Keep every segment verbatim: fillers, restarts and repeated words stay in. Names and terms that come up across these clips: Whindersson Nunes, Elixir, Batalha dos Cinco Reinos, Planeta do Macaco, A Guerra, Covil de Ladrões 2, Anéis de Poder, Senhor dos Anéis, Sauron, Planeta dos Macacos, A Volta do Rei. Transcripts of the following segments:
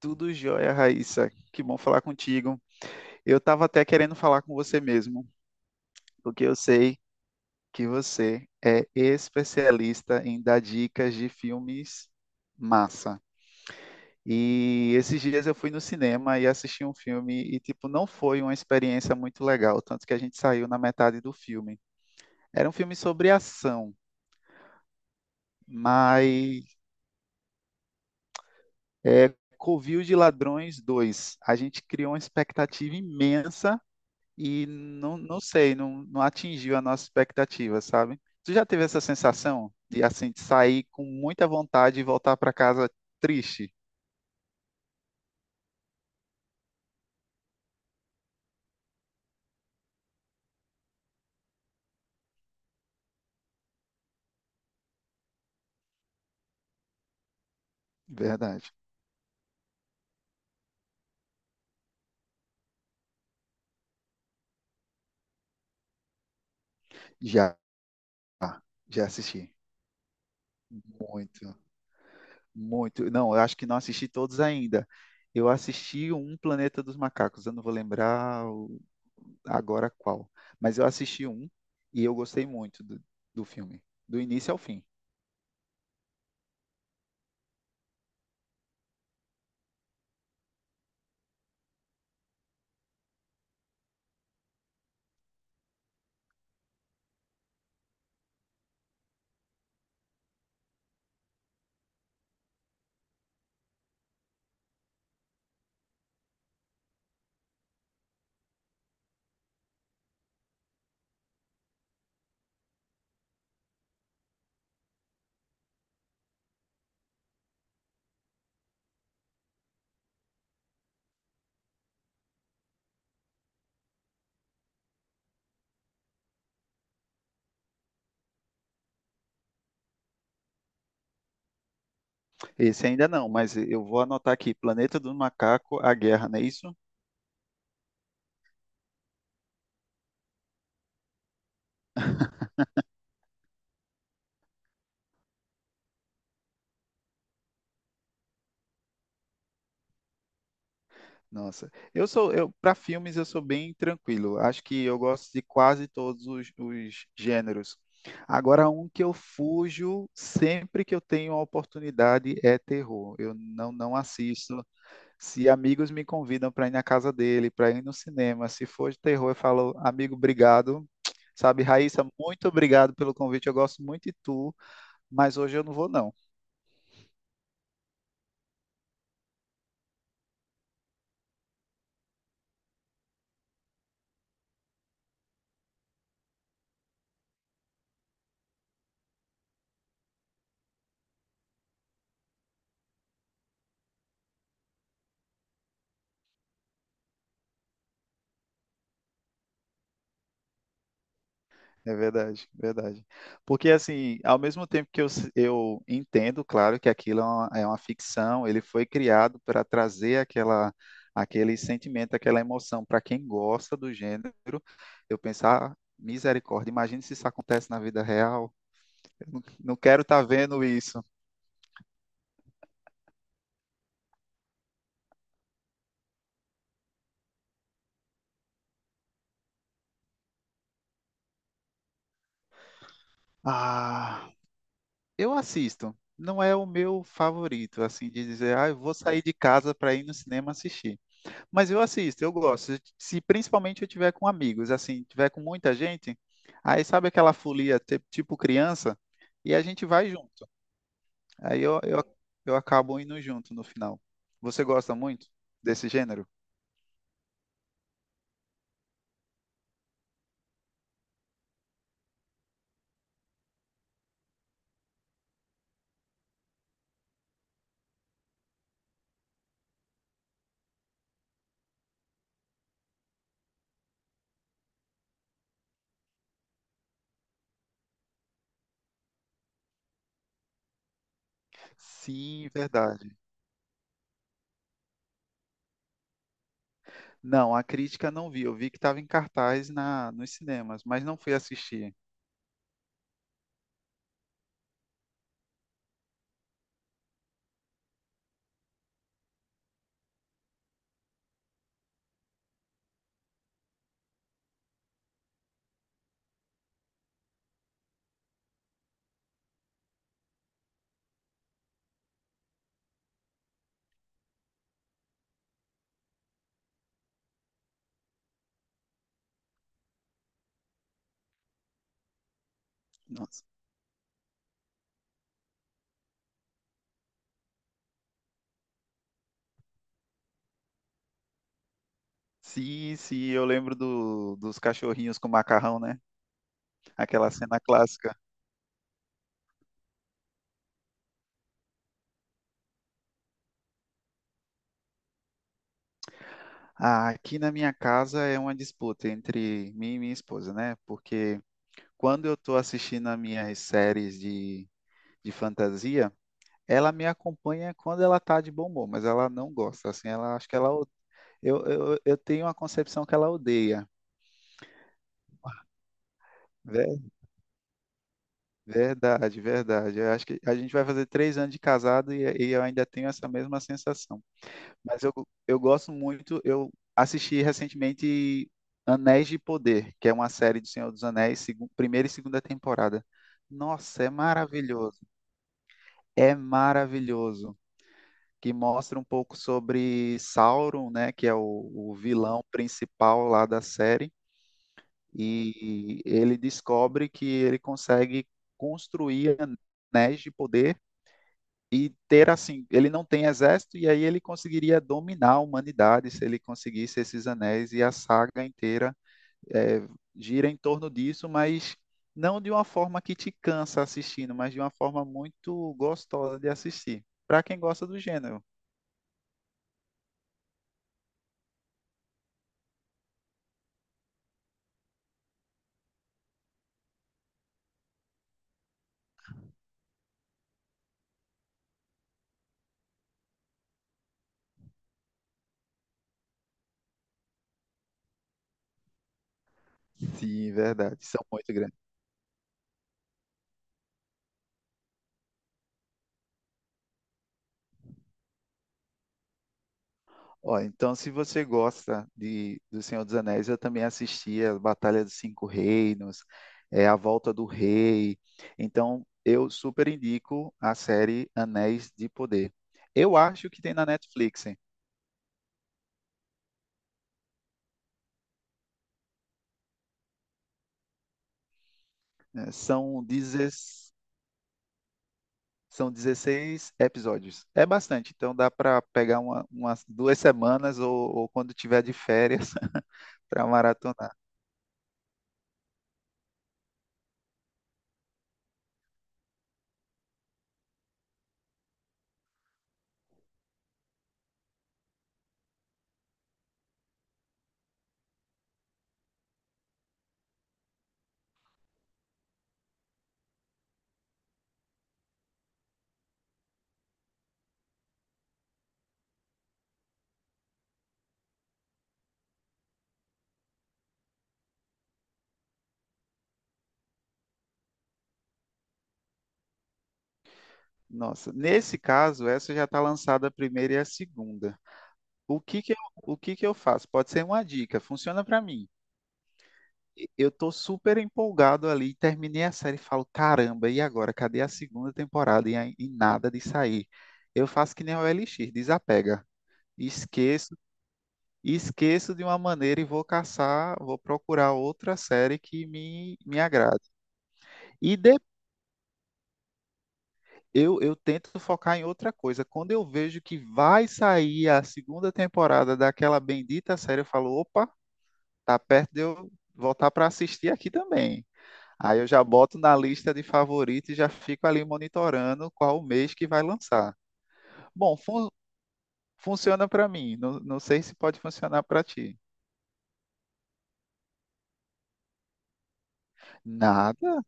Tudo jóia, Raíssa. Que bom falar contigo. Eu estava até querendo falar com você mesmo, porque eu sei que você é especialista em dar dicas de filmes massa. E esses dias eu fui no cinema e assisti um filme e, tipo, não foi uma experiência muito legal, tanto que a gente saiu na metade do filme. Era um filme sobre ação, mas é Covil de Ladrões dois. A gente criou uma expectativa imensa e não, não sei, não, não atingiu a nossa expectativa, sabe? Tu já teve essa sensação de assim de sair com muita vontade e voltar para casa triste? Verdade. Já, já assisti. Muito, muito. Não, eu acho que não assisti todos ainda. Eu assisti um Planeta dos Macacos, eu não vou lembrar o- agora qual, mas eu assisti um e eu gostei muito do, do filme, do início ao fim. Esse ainda não, mas eu vou anotar aqui, Planeta do Macaco, A Guerra, não é isso? Nossa, eu sou, eu para filmes eu sou bem tranquilo. Acho que eu gosto de quase todos os, os gêneros. Agora, um que eu fujo sempre que eu tenho a oportunidade é terror. Eu não, não assisto. Se amigos me convidam para ir na casa dele, para ir no cinema, se for de terror, eu falo, amigo, obrigado. Sabe, Raíssa, muito obrigado pelo convite. Eu gosto muito de tu, mas hoje eu não vou, não. É verdade, verdade. Porque, assim, ao mesmo tempo que eu, s- eu entendo, claro, que aquilo é uma, é uma ficção, ele foi criado para trazer aquela, aquele sentimento, aquela emoção para quem gosta do gênero. Eu pensar, "Ah, misericórdia, imagine se isso acontece na vida real. Não quero estar vendo isso. Ah, eu assisto. Não é o meu favorito, assim, de dizer, ah, eu vou sair de casa para ir no cinema assistir. Mas eu assisto, eu gosto. Se principalmente eu tiver com amigos, assim, tiver com muita gente, aí sabe aquela folia ti- tipo criança? E a gente vai junto. Aí eu, eu, eu acabo indo junto no final. Você gosta muito desse gênero? Sim, verdade. Não, a crítica não vi. Eu vi que estava em cartaz na, nos cinemas, mas não fui assistir. Nossa. Sim, sim, eu lembro do, dos cachorrinhos com macarrão, né? Aquela cena clássica. Ah, aqui na minha casa é uma disputa entre mim e minha esposa, né? Porque quando eu estou assistindo as minhas séries de, de fantasia, ela me acompanha quando ela tá de bom humor, mas ela não gosta, assim, ela acho que ela o- eu, eu, eu tenho uma concepção que ela odeia. Ver- Verdade, verdade. Eu acho que a gente vai fazer três anos de casado e, e eu ainda tenho essa mesma sensação. Mas eu, eu gosto muito, eu assisti recentemente Anéis de Poder, que é uma série do Senhor dos Anéis, segun- primeira e segunda temporada. Nossa, é maravilhoso. É maravilhoso. Que mostra um pouco sobre Sauron, né, que é o, o vilão principal lá da série, e ele descobre que ele consegue construir anéis de poder e ter assim, ele não tem exército e aí ele conseguiria dominar a humanidade se ele conseguisse esses anéis e a saga inteira é, gira em torno disso, mas não de uma forma que te cansa assistindo, mas de uma forma muito gostosa de assistir, para quem gosta do gênero. Sim, verdade, são muito grandes. Ó, então, se você gosta de do Senhor dos Anéis, eu também assisti a Batalha dos Cinco Reinos, é, A Volta do Rei. Então, eu super indico a série Anéis de Poder. Eu acho que tem na Netflix, hein? É, são, dezesseis são dezesseis episódios. É bastante, então dá para pegar uma, umas duas semanas ou, ou quando tiver de férias para maratonar. Nossa, nesse caso, essa já está lançada a primeira e a segunda. O que que eu, o que que eu faço? Pode ser uma dica, funciona para mim. E- Eu tô super empolgado ali, terminei a série e falo, caramba, e agora? Cadê a segunda temporada? E, aí- e nada de sair. Eu faço que nem o Elixir, desapega. Esqueço, Esqueço de uma maneira e vou caçar, vou procurar outra série que me, me agrade. E de, eu, eu tento focar em outra coisa. Quando eu vejo que vai sair a segunda temporada daquela bendita série, eu falo, opa, tá perto de eu voltar para assistir aqui também. Aí eu já boto na lista de favoritos e já fico ali monitorando qual o mês que vai lançar. Bom, fun- funciona para mim, não, não sei se pode funcionar para ti. Nada,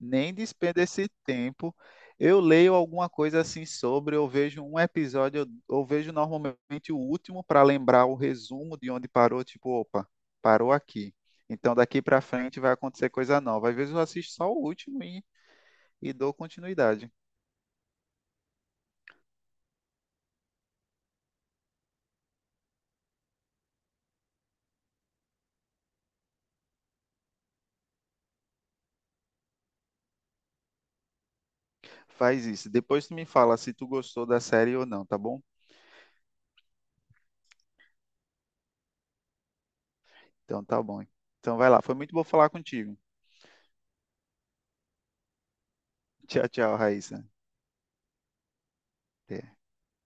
nem despendo esse tempo. Eu leio alguma coisa assim sobre, eu vejo um episódio, eu, eu vejo normalmente o último para lembrar o resumo de onde parou, tipo, opa, parou aqui. Então daqui para frente vai acontecer coisa nova. Às vezes eu assisto só o último e e dou continuidade. Faz isso. Depois tu me fala se tu gostou da série ou não, tá bom? Então tá bom. Então vai lá. Foi muito bom falar contigo. Tchau, tchau, Raíssa. Até.